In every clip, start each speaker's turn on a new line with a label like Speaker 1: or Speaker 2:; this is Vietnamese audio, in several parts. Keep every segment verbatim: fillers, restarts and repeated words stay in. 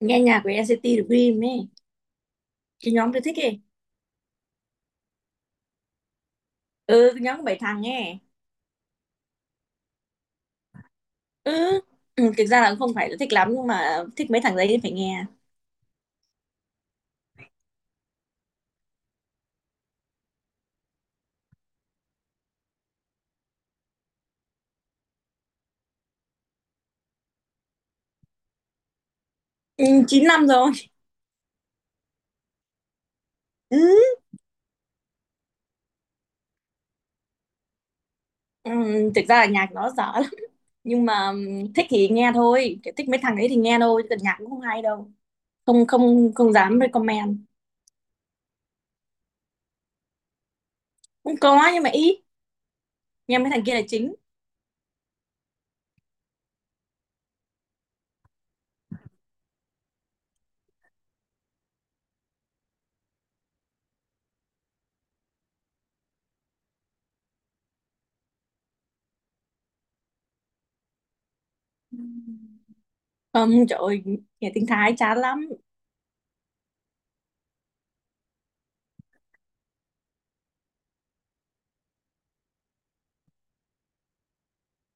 Speaker 1: Nghe nhạc của en xê tê Dream ấy. Cái nhóm tôi thích ấy. Ừ, cái nhóm của bảy thằng ấy. Ừ. Ừ, thực ra là cũng không phải là thích lắm nhưng mà thích mấy thằng đấy thì phải nghe. Ừ, chín năm rồi. Ừ. Ừ, thực ra là nhạc nó dở lắm nhưng mà ừm, thích thì nghe thôi. Kiểu thích mấy thằng đấy thì nghe thôi chứ còn nhạc cũng không hay đâu. Không, không, không dám recommend. Cũng có nhưng mà ít. Nghe mấy thằng kia là chính. Không, trời ơi, nghe tiếng Thái chán lắm.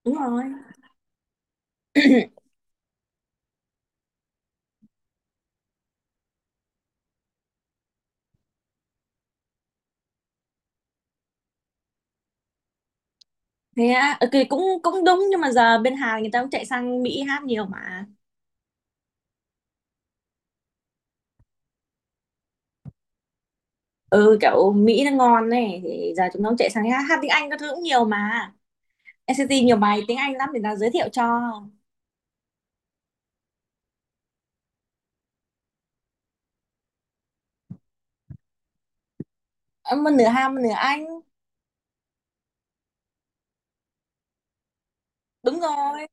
Speaker 1: Đúng rồi. Thế á, ok, cũng cũng đúng nhưng mà giờ bên Hàn người ta cũng chạy sang Mỹ hát nhiều mà. Ừ, kiểu Mỹ nó ngon này thì giờ chúng nó chạy sang hát, hát tiếng Anh các thứ cũng nhiều mà. en xê tê nhiều bài tiếng Anh lắm, để tao giới thiệu cho. Em một nửa Hàn một nửa Anh. Đúng rồi.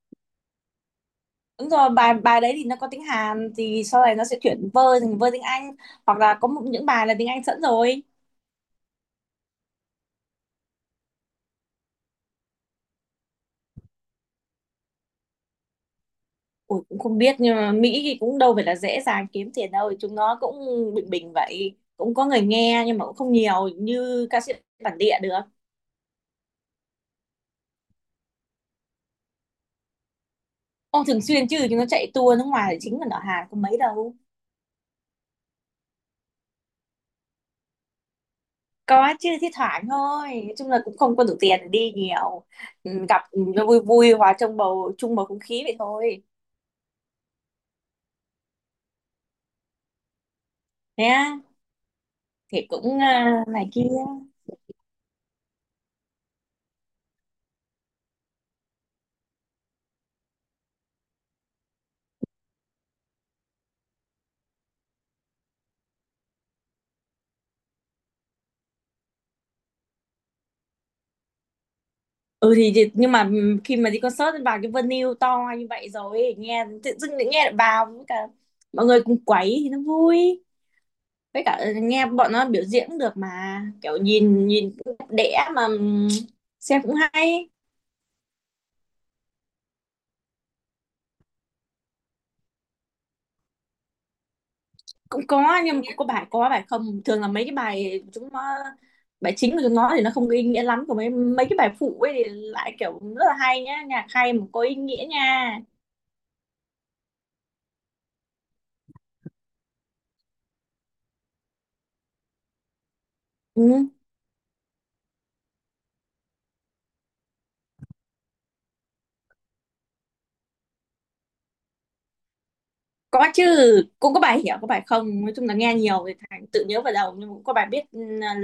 Speaker 1: Đúng rồi, bài bài đấy thì nó có tiếng Hàn thì sau này nó sẽ chuyển vơ thành vơ tiếng Anh. Hoặc là có một, những bài là tiếng Anh sẵn rồi. Ủa, cũng không biết nhưng mà Mỹ thì cũng đâu phải là dễ dàng kiếm tiền đâu, chúng nó cũng bình bình vậy, cũng có người nghe nhưng mà cũng không nhiều như ca sĩ bản địa được. Ô, thường xuyên chứ, chúng nó chạy tour nước ngoài thì chính là ở Hàn có mấy đâu. Có chứ, thi thoảng thôi, nói chung là cũng không có đủ tiền để đi nhiều. Ừ, gặp, ừ, nó vui vui hòa trong bầu chung bầu không khí vậy thôi. Nhé. Thì cũng à, này kia. Ừ, thì thì- nhưng mà ừ, khi mà đi concert vào cái venue to như vậy rồi ấy, nghe tự dưng lại nghe được vào, với cả mọi người cùng quấy thì nó vui. Với cả nghe bọn nó biểu diễn cũng được mà, kiểu nhìn nhìn cũng đẹp đẽ mà, ừ, xem cũng hay. Cũng có nhưng mà cũng có bài có bài không, thường là mấy cái bài chúng nó, bài chính của chúng nó thì nó không có ý nghĩa lắm, còn mấy mấy cái bài phụ ấy thì lại kiểu rất là hay nhá, nhạc hay mà có ý nghĩa nha. Ừ. Có chứ, cũng có bài hiểu có bài không, nói chung là nghe nhiều thì thành tự nhớ vào đầu, nhưng mà cũng có bài biết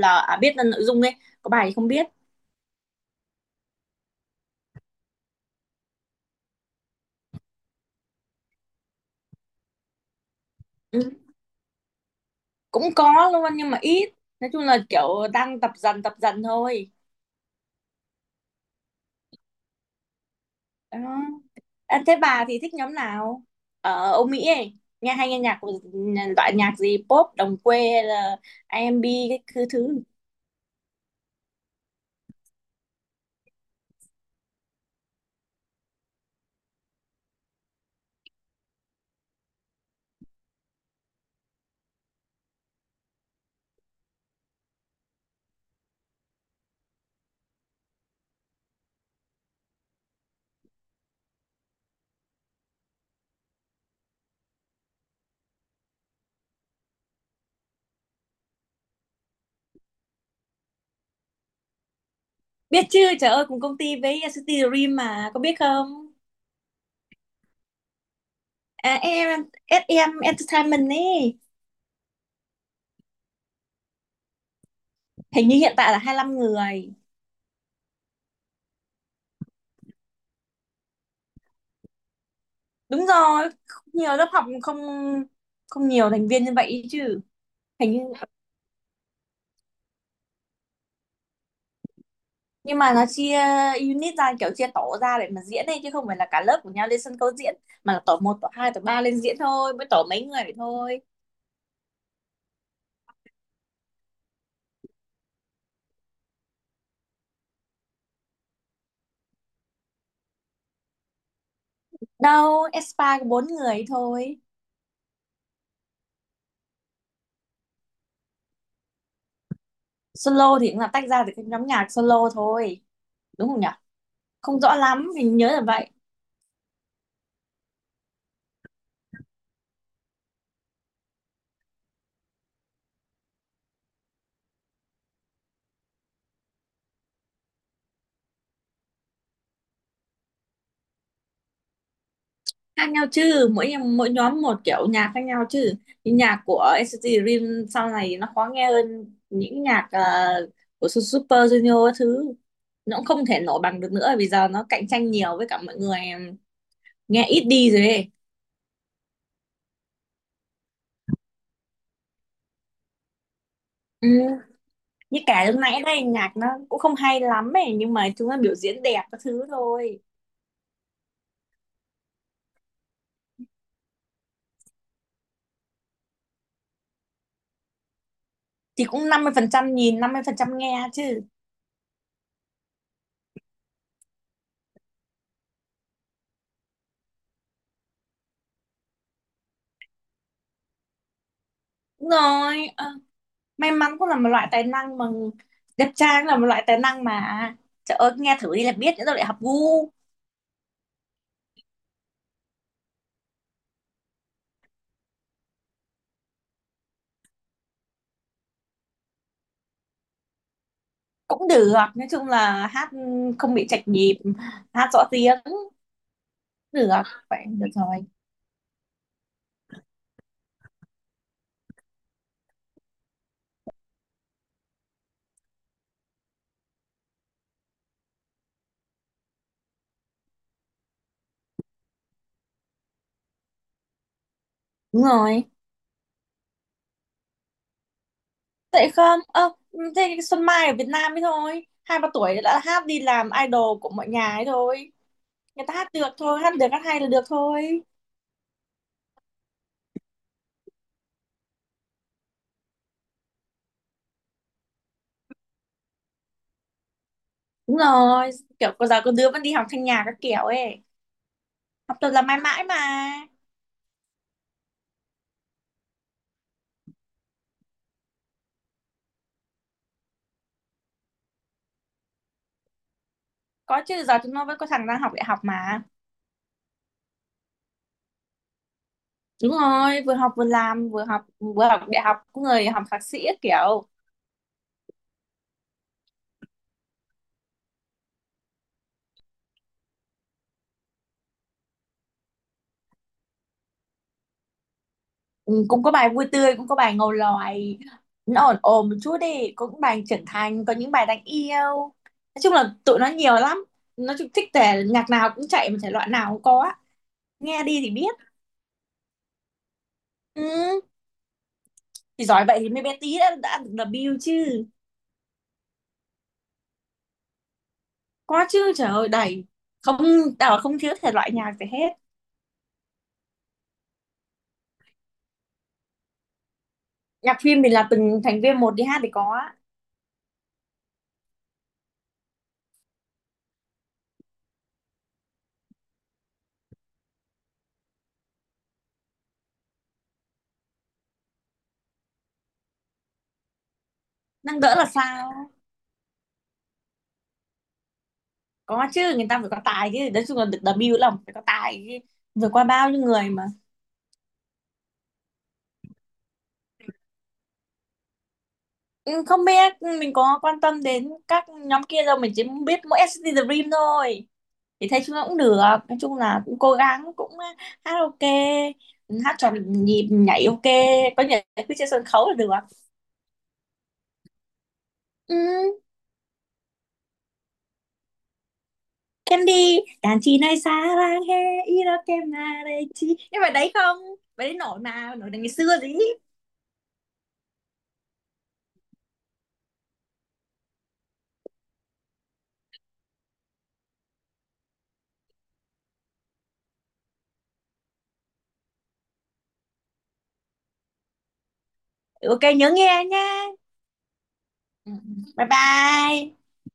Speaker 1: là à, biết là nội dung ấy. Có bài thì không biết. Ừ. Cũng có luôn nhưng mà ít, nói chung là kiểu đang tập dần tập dần thôi. Đó. À, thế bà thì thích nhóm nào ở Âu Mỹ ấy, nghe hay nghe nhạc của- loại nhạc gì, pop đồng quê hay là A R&B, cái thứ thứ Biết chứ, trời ơi, cùng công ty với City Dream mà, có biết không. À, em ét em Entertainment ấy. Hình như hiện tại là hai lăm người. Đúng rồi. Nhiều lớp học không, không nhiều thành viên như vậy ý chứ. Hình như, nhưng mà nó chia unit ra, kiểu chia tổ ra để mà diễn ấy chứ không phải là cả lớp của nhau lên sân khấu diễn, mà là tổ một, tổ hai, tổ ba lên diễn thôi, mới tổ mấy người vậy thôi. Đâu, Aespa có bốn người thôi. Solo thì cũng là tách ra từ cái nhóm nhạc solo thôi, đúng không nhỉ. Không rõ lắm, mình nhớ là vậy. Khác nhau chứ, mỗi em- mỗi nhóm một kiểu nhạc khác nhau chứ. Những nhạc của en xê tê Dream sau này nó khó nghe hơn những nhạc ờ, của Su- Super Junior các thứ, nó cũng không thể nổi bằng được nữa vì giờ nó cạnh tranh nhiều, với cả mọi người nghe ít đi rồi ấy. Ừ. Như cả lúc nãy đây, nhạc nó cũng không hay lắm ấy nhưng mà chúng nó biểu diễn đẹp các thứ thôi. Thì cũng năm mươi phần trăm nhìn, năm mươi phần trăm nghe chứ. Đúng rồi. Ờ. May mắn cũng là một loại tài năng mà, đẹp trai là một loại tài năng mà, à, trời ơi, nghe thử đi là biết, nữa rồi lại học gu. Cũng được, nói chung là hát không bị chạch nhịp, hát rõ tiếng cũng được, vậy được rồi. Đúng rồi. Tại không, ơ, ừ, thế Xuân Mai ở Việt Nam ấy thôi, hai ba tuổi đã hát đi làm idol của mọi nhà ấy thôi, người ta hát được thôi, hát được, hát hay là được thôi. Đúng rồi, kiểu bây giờ có đứa vẫn đi học thanh nhạc các kiểu ấy, học tập là mãi mãi mà. Có chứ, giờ chúng nó vẫn có thằng đang học đại học mà. Đúng rồi, vừa học vừa làm, vừa học vừa học đại học, cũng người học thạc sĩ á kiểu. Ừ, cũng có bài vui tươi, cũng có bài ngầu lòi. Nó ổn ổn một chút đi, cũng bài trưởng thành, có những bài đáng yêu. Nói chung là tụi nó nhiều lắm. Nó chung thích thể nhạc nào cũng chạy mà thể loại nào cũng có á. Nghe đi thì biết. Ừ, thì giỏi vậy thì mấy bé tí đã, đã được debut chứ. Có chứ, trời ơi đầy. Không, tao là không thiếu thể loại nhạc gì hết. Nhạc phim thì là từng thành viên một đi hát thì có á. Năng đỡ là sao? Có chứ, người ta phải có tài chứ, nói chung là được W là phải có tài chứ, rồi qua bao nhiêu người mà. Ừ, không biết, mình có quan tâm đến các nhóm kia đâu, mình chỉ biết mỗi ét xê tê The Dream thôi. Thì thấy chúng nó cũng được, nói chung là cũng cố gắng cũng, à, hát ok, hát tròn, nhịp nhảy ok, có nhảy cứ trên sân khấu là được. Ừ, Candy đàn chị này, xa làng he, iroke mà đây chi, nhưng mà đấy không, bài đấy nổi mà nổi từ ngày xưa gì. Ok, nhớ nghe nha. Ừ, ừ. Bye bye.